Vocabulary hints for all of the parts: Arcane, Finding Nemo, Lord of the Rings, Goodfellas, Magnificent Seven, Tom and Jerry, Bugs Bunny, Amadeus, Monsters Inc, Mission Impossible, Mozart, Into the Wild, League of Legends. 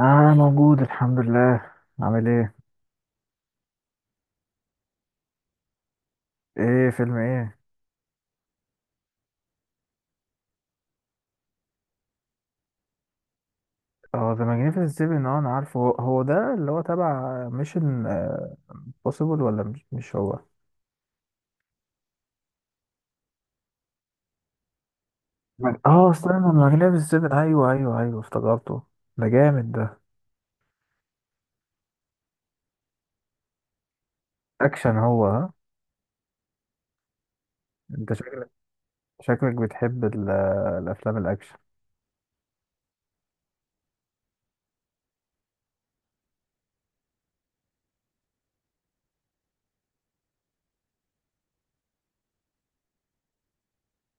اه موجود الحمد لله. عامل ايه؟ ايه، فيلم ايه؟ اه، ذا ماجنيفيسنت سيفن، انا عارفه، هو ده اللي هو تبع ميشن بوسيبل، ولا مش هو؟ اه، استنى، ماجنيفيسنت سيفن، ايوه ايوه ايوه، افتكرته. ده جامد ده. اكشن هو، ها؟ انت شكلك، بتحب الافلام الاكشن.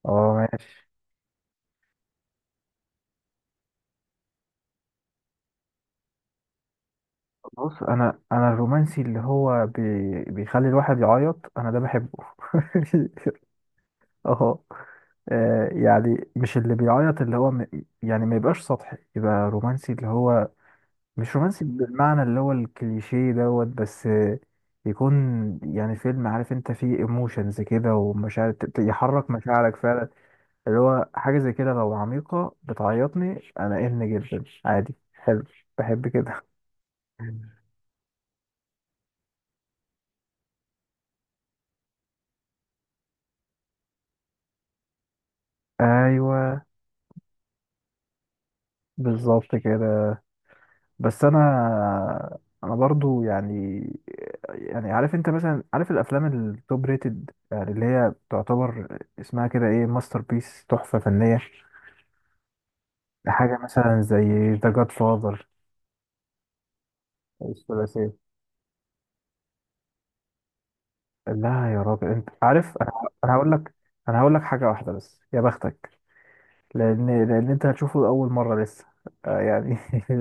اه، ماشي. بص، انا الرومانسي اللي هو بيخلي الواحد يعيط، انا ده بحبه. اه. يعني مش اللي بيعيط، اللي هو يعني ما يبقاش سطحي، يبقى رومانسي اللي هو مش رومانسي بالمعنى اللي هو الكليشيه دوت، بس يكون، يعني فيلم عارف انت فيه ايموشنز كده ومشاعر يحرك مشاعرك فعلا. اللي هو حاجة زي كده لو عميقة بتعيطني انا، ان جدا عادي، حلو، بحب كده. ايوه، بالظبط كده. بس انا برضو يعني، عارف انت مثلا، عارف الافلام التوب ريتد، يعني اللي هي تعتبر اسمها كده ايه، ماستر بيس، تحفة فنية. حاجة مثلا زي ذا جاد فاذر، الثلاثية. لا يا راجل، انت عارف انا، انا هقول لك هقول لك حاجة واحدة بس يا بختك، لأن أنت هتشوفه لأول مرة لسه، يعني.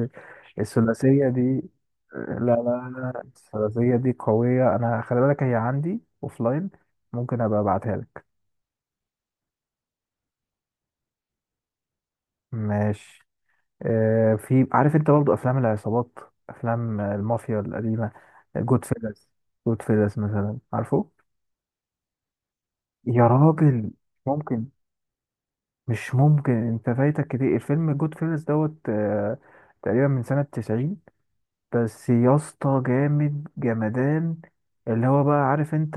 الثلاثية دي، لا لا لا، الثلاثية دي قوية. أنا خلي بالك، هي عندي أوفلاين، ممكن أبقى أبعتها لك. ماشي. في، عارف أنت، برضو أفلام العصابات، أفلام المافيا القديمة. جود فيلز، جود فيلز مثلا، عارفه؟ يا راجل، ممكن مش ممكن، أنت فايتك كتير، الفيلم جود فيلز دوت، تقريبا من سنة 90، بس يا اسطى جامد جمدان. اللي هو بقى عارف انت،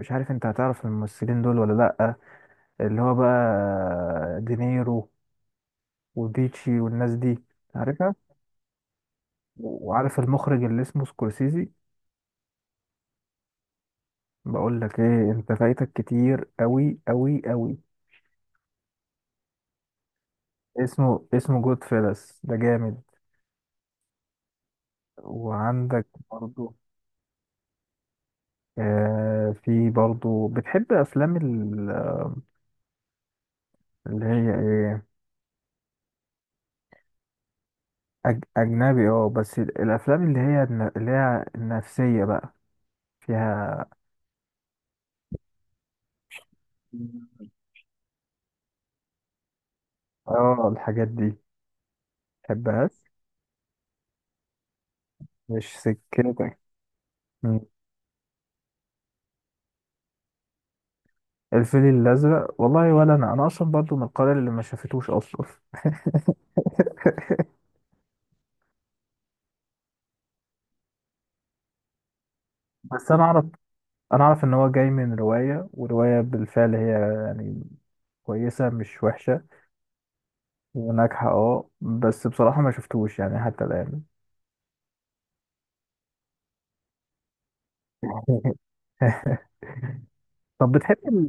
مش عارف انت هتعرف الممثلين دول ولا لأ، اللي هو بقى دينيرو وبيتشي والناس دي، عارفها؟ وعارف المخرج اللي اسمه سكورسيزي؟ بقول لك ايه، انت فايتك كتير قوي قوي قوي. اسمه جود فيلس، ده جامد. وعندك برضو في برضو، بتحب افلام اللي هي ايه، أجنبي؟ اه بس الأفلام اللي هي النفسية بقى، فيها. اه، الحاجات دي، متحبهاش، مش سكتك. مم. الفيل الأزرق والله، ولا أنا، أصلا برضو من القارئ اللي ما شافتوش أصلا. بس أنا أعرف إن هو جاي من رواية، ورواية بالفعل هي يعني كويسة، مش وحشة، وناجحة اه، بس بصراحة ما شفتوش يعني حتى الآن. طب بتحب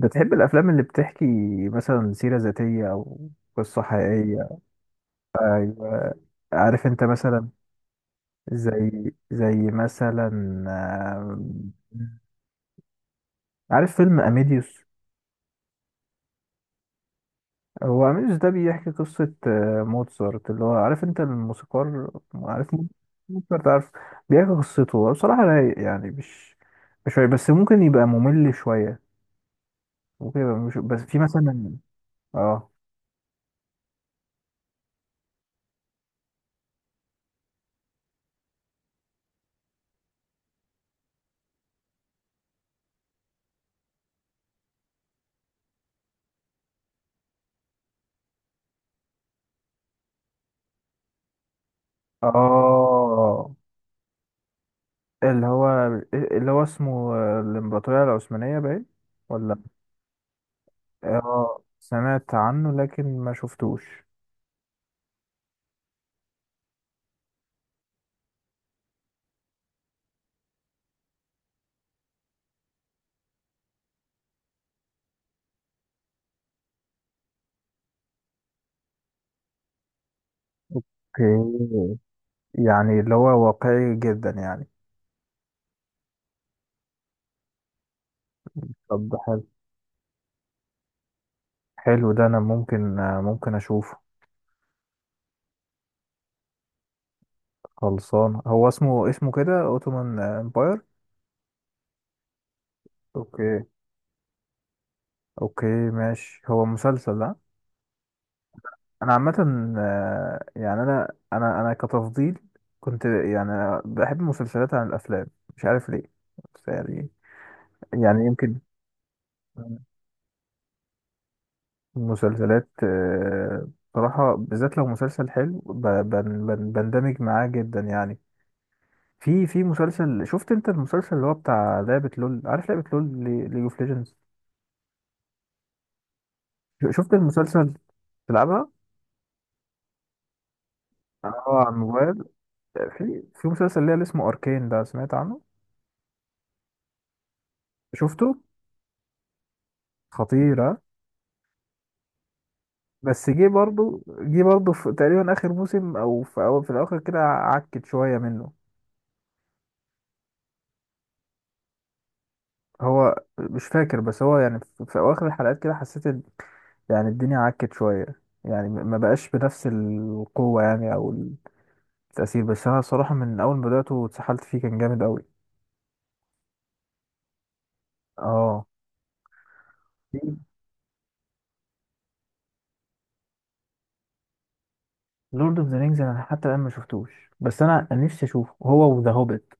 بتحب الافلام اللي بتحكي مثلا سيرة ذاتية، او قصة حقيقية؟ ايوه، عارف انت مثلا، زي مثلا، آم، عارف فيلم اميديوس؟ هو اميديوس ده بيحكي قصة موتسارت، اللي هو عارف انت الموسيقار، عارف موتسارت؟ عارف، بيحكي قصته هو. بصراحة رايق يعني، مش رايق، بس ممكن يبقى ممل شوية، ممكن يبقى مش، بس في مثلا. اه، اه. اللي هو اللي هو اسمه الإمبراطورية العثمانية باين، ولا؟ اه، سمعت عنه لكن ما شفتوش. اوكي، يعني اللي هو واقعي جدا يعني. طب ده حلو، حلو ده، انا ممكن، ممكن اشوفه. خلصان، هو اسمه كده اوتومان امباير. اوكي، اوكي، ماشي. هو مسلسل ده. انا عامة يعني، انا كتفضيل كنت يعني بحب المسلسلات عن الافلام، مش عارف ليه، بس يعني، يمكن مسلسلات، بصراحة بالذات لو مسلسل حلو، بندمج معاه جدا يعني. في مسلسل، شفت انت المسلسل اللي هو بتاع لعبة لول؟ عارف لعبة لول، ليج اوف ليجندز؟ شفت المسلسل؟ تلعبها؟ اه، على الموبايل. في مسلسل ليه اللي اسمه اركين، ده سمعت عنه؟ شفته؟ خطيرة. بس جه برضه في تقريبا اخر موسم، او في، أو في الاخر كده، عكت شوية منه. هو مش فاكر، بس هو يعني في اواخر الحلقات كده حسيت يعني الدنيا عكت شوية، يعني ما بقاش بنفس القوة يعني، أو التأثير، بس أنا صراحة من أول ما بدأته واتسحلت فيه كان جامد أوي. اه، لورد اوف ذا رينجز أنا حتى الآن ما شفتوش، بس أنا نفسي أشوفه، هو وذا هوبيت.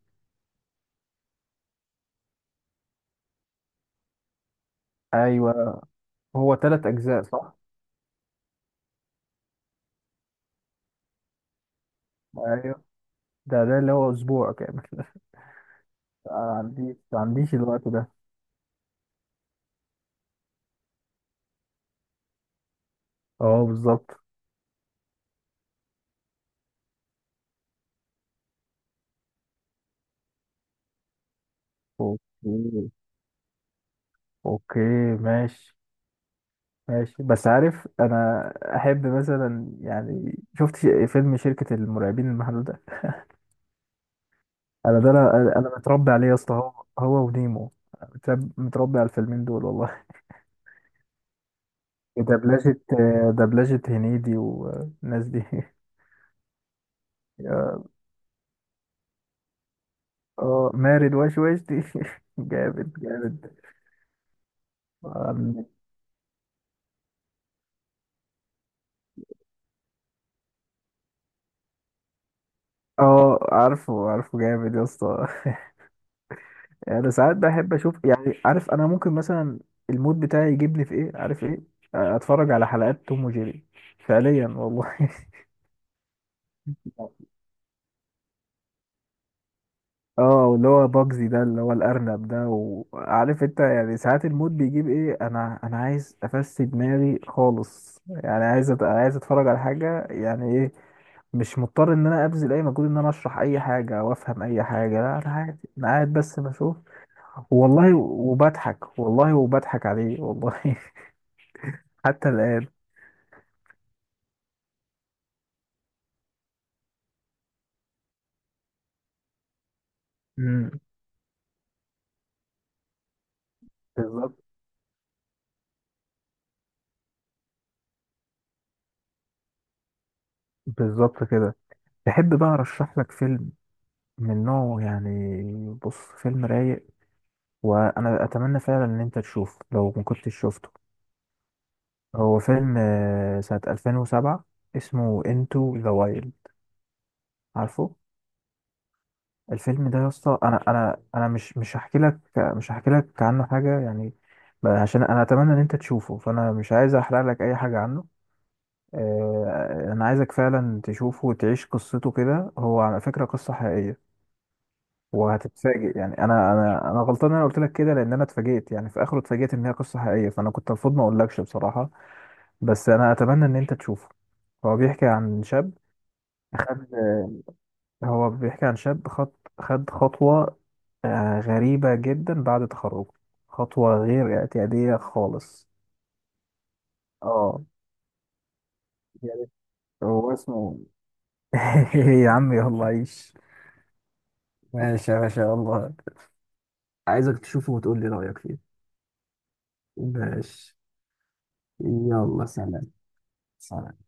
أيوه. هو تلات أجزاء، صح؟ أيوه، ده اللي هو أسبوع كامل. ما ما عنديش الوقت ده. اه، بالظبط. اوكي، اوكي، ماشي، ماشي. بس عارف انا، احب مثلا يعني، شفت فيلم شركة المرعبين المحدودة ده؟ انا ده، انا متربي عليه يا اسطى، هو، ونيمو، متربي على الفيلمين دول والله. دبلجة دبلجة هنيدي والناس دي. يا- اه، مارد واش واش دي. جامد جامد. اه. عارفه عارفه جامد يا اسطى. يعني انا ساعات بحب اشوف، يعني عارف انا ممكن مثلا، المود بتاعي يجيبني في ايه، عارف ايه، اتفرج على حلقات توم وجيري، فعليا والله. اه، واللي هو باجزي ده، اللي هو الارنب ده، وعارف انت يعني ساعات المود بيجيب ايه، انا عايز افسد دماغي خالص، يعني عايز عايز اتفرج على حاجه، يعني ايه، مش مضطر ان انا ابذل اي مجهود ان انا اشرح اي حاجه او افهم اي حاجه، لا انا عادي، انا قاعد بس بشوف. والله وبضحك، والله وبضحك عليه والله. حتى الآن. امم بالظبط، بالظبط كده. تحب بقى ارشح لك فيلم من نوعه يعني؟ بص، فيلم رايق، وانا اتمنى فعلا ان انت تشوفه لو ما كنتش شفته. هو فيلم سنة 2007، اسمه انتو ذا وايلد، عارفه؟ الفيلم ده يا اسطى، انا مش هحكي لك، عنه حاجة يعني، عشان انا اتمنى ان انت تشوفه، فانا مش عايز احرق لك اي حاجة عنه. انا عايزك فعلا تشوفه وتعيش قصته كده، هو على فكره قصه حقيقيه، وهتتفاجئ، يعني انا غلطان ان انا قلت لك كده، لان انا اتفاجئت يعني في اخره، اتفاجئت ان هي قصه حقيقيه، فانا كنت المفروض ما اقولكش بصراحه، بس انا اتمنى ان انت تشوفه. هو بيحكي عن شاب خد هو بيحكي عن شاب خد خطوه غريبه جدا بعد تخرجه، خطوه غير اعتياديه خالص. اه، يعني هو اسمه. يا عم، يلا عيش. ماشي يا باشا، يلا عايزك تشوفه وتقول لي رأيك فيه. ماشي. يلا سلام. سلام.